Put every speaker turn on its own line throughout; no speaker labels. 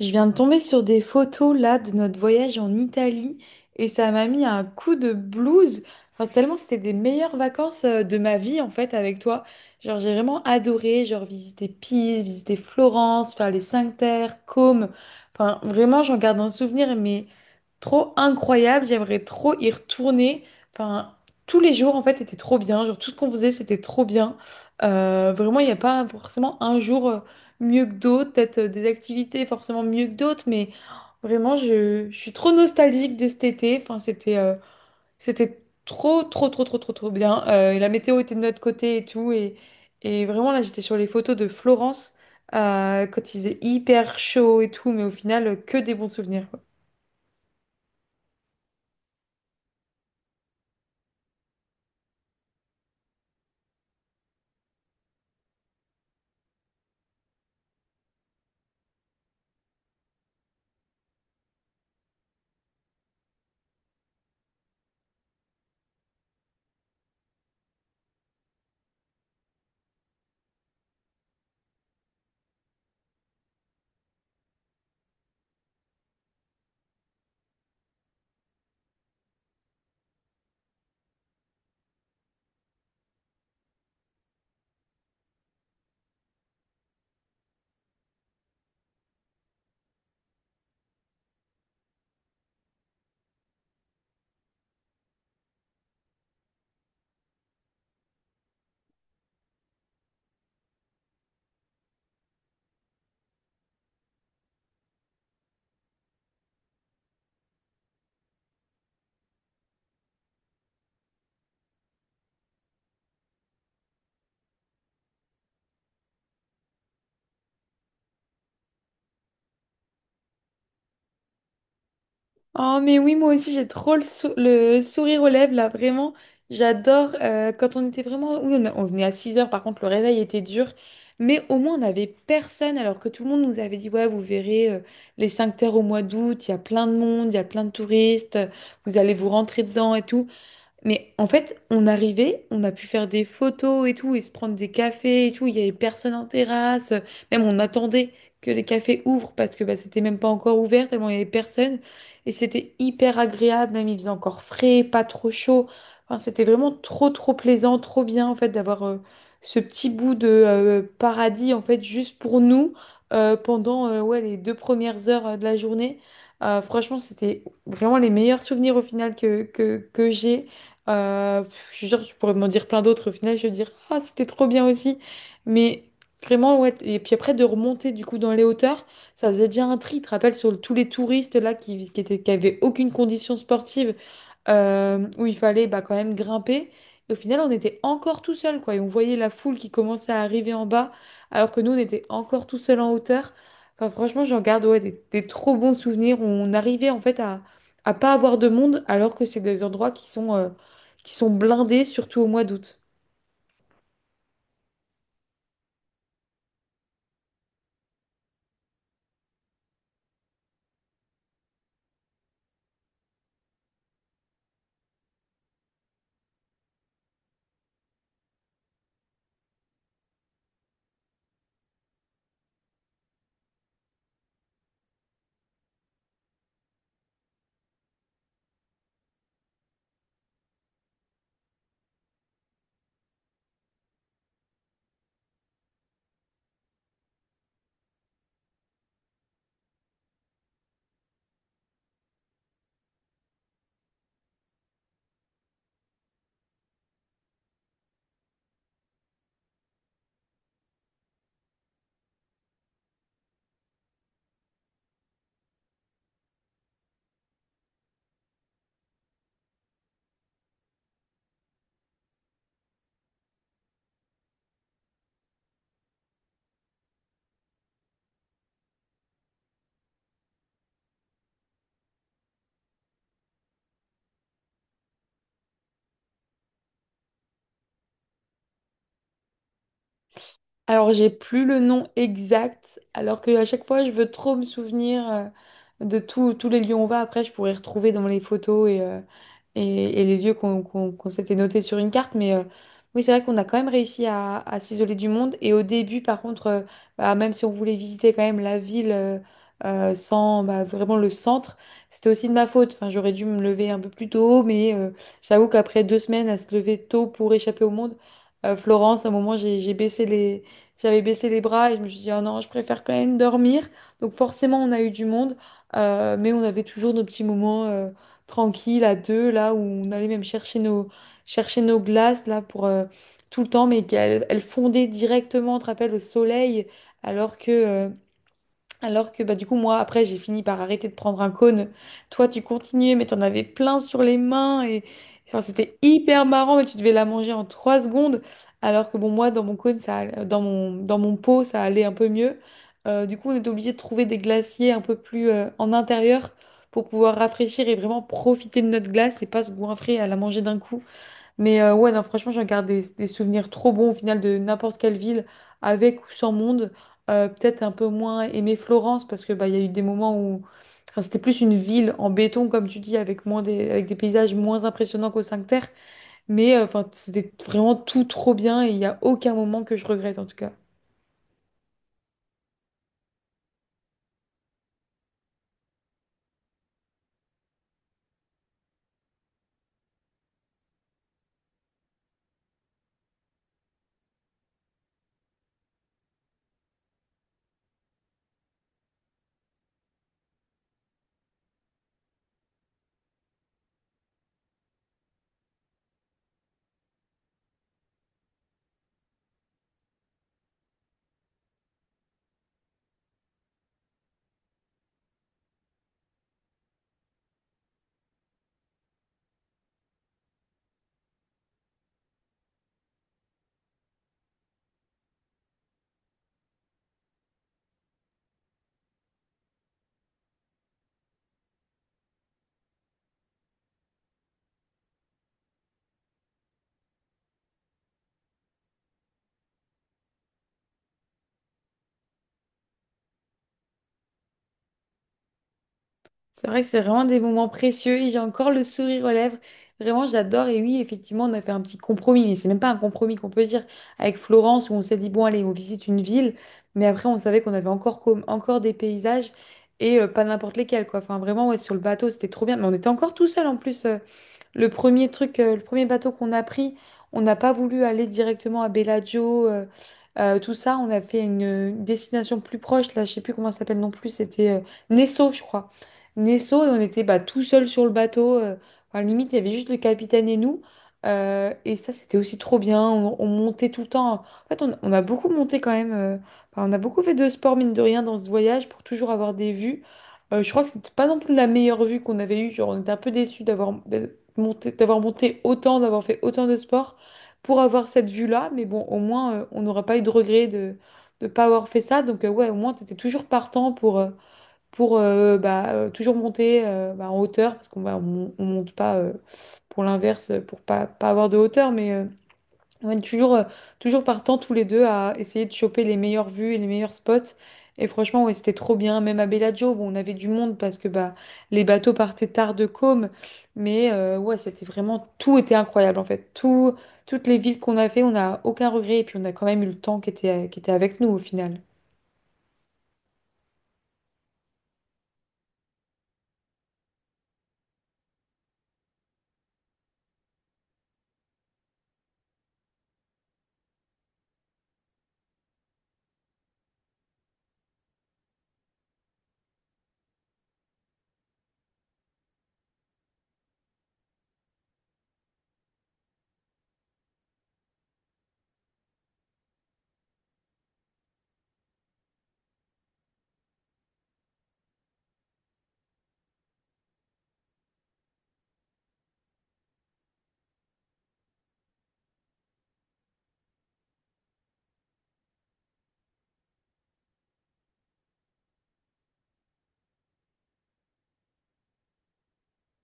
Je viens de tomber sur des photos là de notre voyage en Italie et ça m'a mis un coup de blues. Enfin, tellement c'était des meilleures vacances de ma vie en fait avec toi. Genre j'ai vraiment adoré, genre visiter Pise, visiter Florence, faire les Cinq Terres, Côme. Enfin vraiment j'en garde un souvenir mais trop incroyable. J'aimerais trop y retourner. Enfin tous les jours en fait étaient trop bien. Genre tout ce qu'on faisait c'était trop bien. Vraiment il n'y a pas forcément un jour mieux que d'autres, peut-être des activités forcément mieux que d'autres, mais vraiment, je suis trop nostalgique de cet été. Enfin, c'était trop, trop, trop, trop, trop, trop bien. Et la météo était de notre côté et tout. Et vraiment, là, j'étais sur les photos de Florence quand il faisait hyper chaud et tout, mais au final, que des bons souvenirs. Oh, mais oui, moi aussi, j'ai trop le sourire aux lèvres, là, vraiment. J'adore. Quand on était vraiment. Oui, on venait à 6 heures, par contre, le réveil était dur. Mais au moins, on n'avait personne, alors que tout le monde nous avait dit, ouais, vous verrez les cinq terres au mois d'août, il y a plein de monde, il y a plein de touristes, vous allez vous rentrer dedans et tout. Mais en fait, on arrivait, on a pu faire des photos et tout, et se prendre des cafés et tout. Il y avait personne en terrasse. Même on attendait que les cafés ouvrent parce que bah, c'était même pas encore ouvert, tellement il y avait personne. Et c'était hyper agréable, même il faisait encore frais, pas trop chaud. Enfin, c'était vraiment trop, trop plaisant, trop bien en fait d'avoir ce petit bout de paradis en fait juste pour nous pendant ouais, les 2 premières heures de la journée. Franchement, c'était vraiment les meilleurs souvenirs au final que j'ai. Euh, je suis sûre que tu pourrais m'en dire plein d'autres. Au final, je vais dire, ah, c'était trop bien aussi. Mais vraiment, ouais. Et puis après, de remonter du coup dans les hauteurs, ça faisait déjà un tri. Tu te rappelles tous les touristes là qui étaient, qui avaient aucune condition sportive où il fallait bah, quand même grimper. Et au final, on était encore tout seul, quoi. Et on voyait la foule qui commençait à arriver en bas, alors que nous, on était encore tout seul en hauteur. Enfin, franchement, j'en garde ouais, des trop bons souvenirs. On arrivait en fait à pas avoir de monde, alors que c'est des endroits qui sont blindés, surtout au mois d'août. Alors, j'ai plus le nom exact, alors que à chaque fois, je veux trop me souvenir de tous les lieux où on va. Après, je pourrais retrouver dans les photos et, et les lieux qu'on s'était notés sur une carte. Mais oui, c'est vrai qu'on a quand même réussi à s'isoler du monde. Et au début, par contre, bah, même si on voulait visiter quand même la ville sans bah, vraiment le centre, c'était aussi de ma faute. Enfin, j'aurais dû me lever un peu plus tôt, mais j'avoue qu'après 2 semaines à se lever tôt pour échapper au monde, Florence, à un moment, j'avais baissé les bras et je me suis dit, oh non, je préfère quand même dormir. Donc forcément, on a eu du monde, mais on avait toujours nos petits moments tranquilles à deux, là où on allait même chercher nos glaces, là, pour tout le temps, mais qu'elles elles fondaient directement, on te rappelle, au soleil, alors que... euh, alors que bah, du coup, moi, après, j'ai fini par arrêter de prendre un cône. Toi, tu continuais, mais t'en avais plein sur les mains. Et enfin, c'était hyper marrant, mais tu devais la manger en 3 secondes. Alors que bon, moi, dans dans mon pot, ça allait un peu mieux. Du coup, on était obligé de trouver des glaciers un peu plus en intérieur pour pouvoir rafraîchir et vraiment profiter de notre glace et pas se goinfrer à la manger d'un coup. Mais ouais, non, franchement, j'en garde des souvenirs trop bons au final de n'importe quelle ville, avec ou sans monde. Peut-être un peu moins aimé Florence, parce que bah, il y a eu des moments où enfin, c'était plus une ville en béton, comme tu dis, avec avec des paysages moins impressionnants qu'au Cinque Terre. Mais enfin, c'était vraiment tout trop bien et il n'y a aucun moment que je regrette, en tout cas. C'est vrai que c'est vraiment des moments précieux et j'ai encore le sourire aux lèvres. Vraiment, j'adore. Et oui, effectivement, on a fait un petit compromis, mais c'est même pas un compromis qu'on peut dire avec Florence où on s'est dit, bon, allez, on visite une ville, mais après, on savait qu'on avait encore, encore des paysages et pas n'importe lesquels, quoi. Enfin, vraiment, ouais, sur le bateau, c'était trop bien. Mais on était encore tout seul en plus. Le premier bateau qu'on a pris, on n'a pas voulu aller directement à Bellagio, tout ça. On a fait une destination plus proche, là, je sais plus comment ça s'appelle non plus, c'était Nesso, je crois. Nesso, et on était bah, tout seul sur le bateau. Enfin, limite, il y avait juste le capitaine et nous. Et ça, c'était aussi trop bien. On montait tout le temps. En fait, on a beaucoup monté quand même. Enfin, on a beaucoup fait de sport, mine de rien, dans ce voyage pour toujours avoir des vues. Je crois que c'était pas non plus la meilleure vue qu'on avait eue. Genre, on était un peu déçus d'avoir monté autant, d'avoir fait autant de sport pour avoir cette vue-là. Mais bon, au moins, on n'aura pas eu de regret de ne pas avoir fait ça. Donc, ouais, au moins, tu étais toujours partant pour toujours monter bah, en hauteur, parce on monte pas pour l'inverse, pour pas avoir de hauteur. Mais Ouais, toujours, toujours partant tous les deux à essayer de choper les meilleures vues et les meilleurs spots. Et franchement, ouais, c'était trop bien. Même à Bellagio, bon, on avait du monde parce que bah, les bateaux partaient tard de Côme. Mais ouais, c'était vraiment, tout était incroyable en fait. Tout, toutes les villes qu'on a fait, on n'a aucun regret. Et puis on a quand même eu le temps qui était avec nous au final.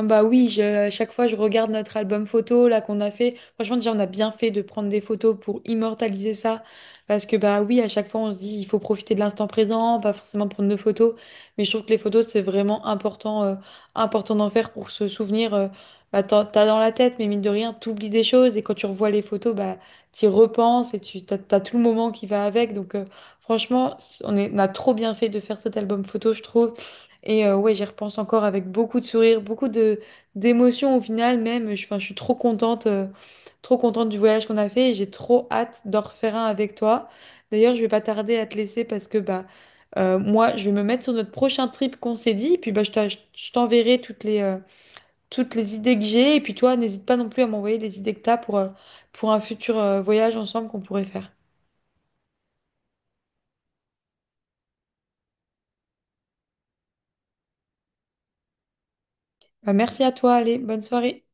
Ah bah oui, à chaque fois je regarde notre album photo là qu'on a fait. Franchement, déjà on a bien fait de prendre des photos pour immortaliser ça. Parce que bah oui, à chaque fois on se dit il faut profiter de l'instant présent, pas forcément prendre de photos. Mais je trouve que les photos c'est vraiment important, important d'en faire pour se souvenir. Bah, t'as dans la tête, mais mine de rien, t'oublies des choses. Et quand tu revois les photos, bah t'y repenses et t'as tout le moment qui va avec. Donc franchement, on a trop bien fait de faire cet album photo, je trouve. Et ouais, j'y repense encore avec beaucoup de sourires, beaucoup de d'émotions au final même. Je suis trop contente du voyage qu'on a fait et j'ai trop hâte d'en refaire un avec toi. D'ailleurs, je vais pas tarder à te laisser parce que bah moi, je vais me mettre sur notre prochain trip qu'on s'est dit et puis bah je t'enverrai toutes les idées que j'ai et puis toi, n'hésite pas non plus à m'envoyer les idées que t'as pour un futur voyage ensemble qu'on pourrait faire. Bah, merci à toi, allez, bonne soirée.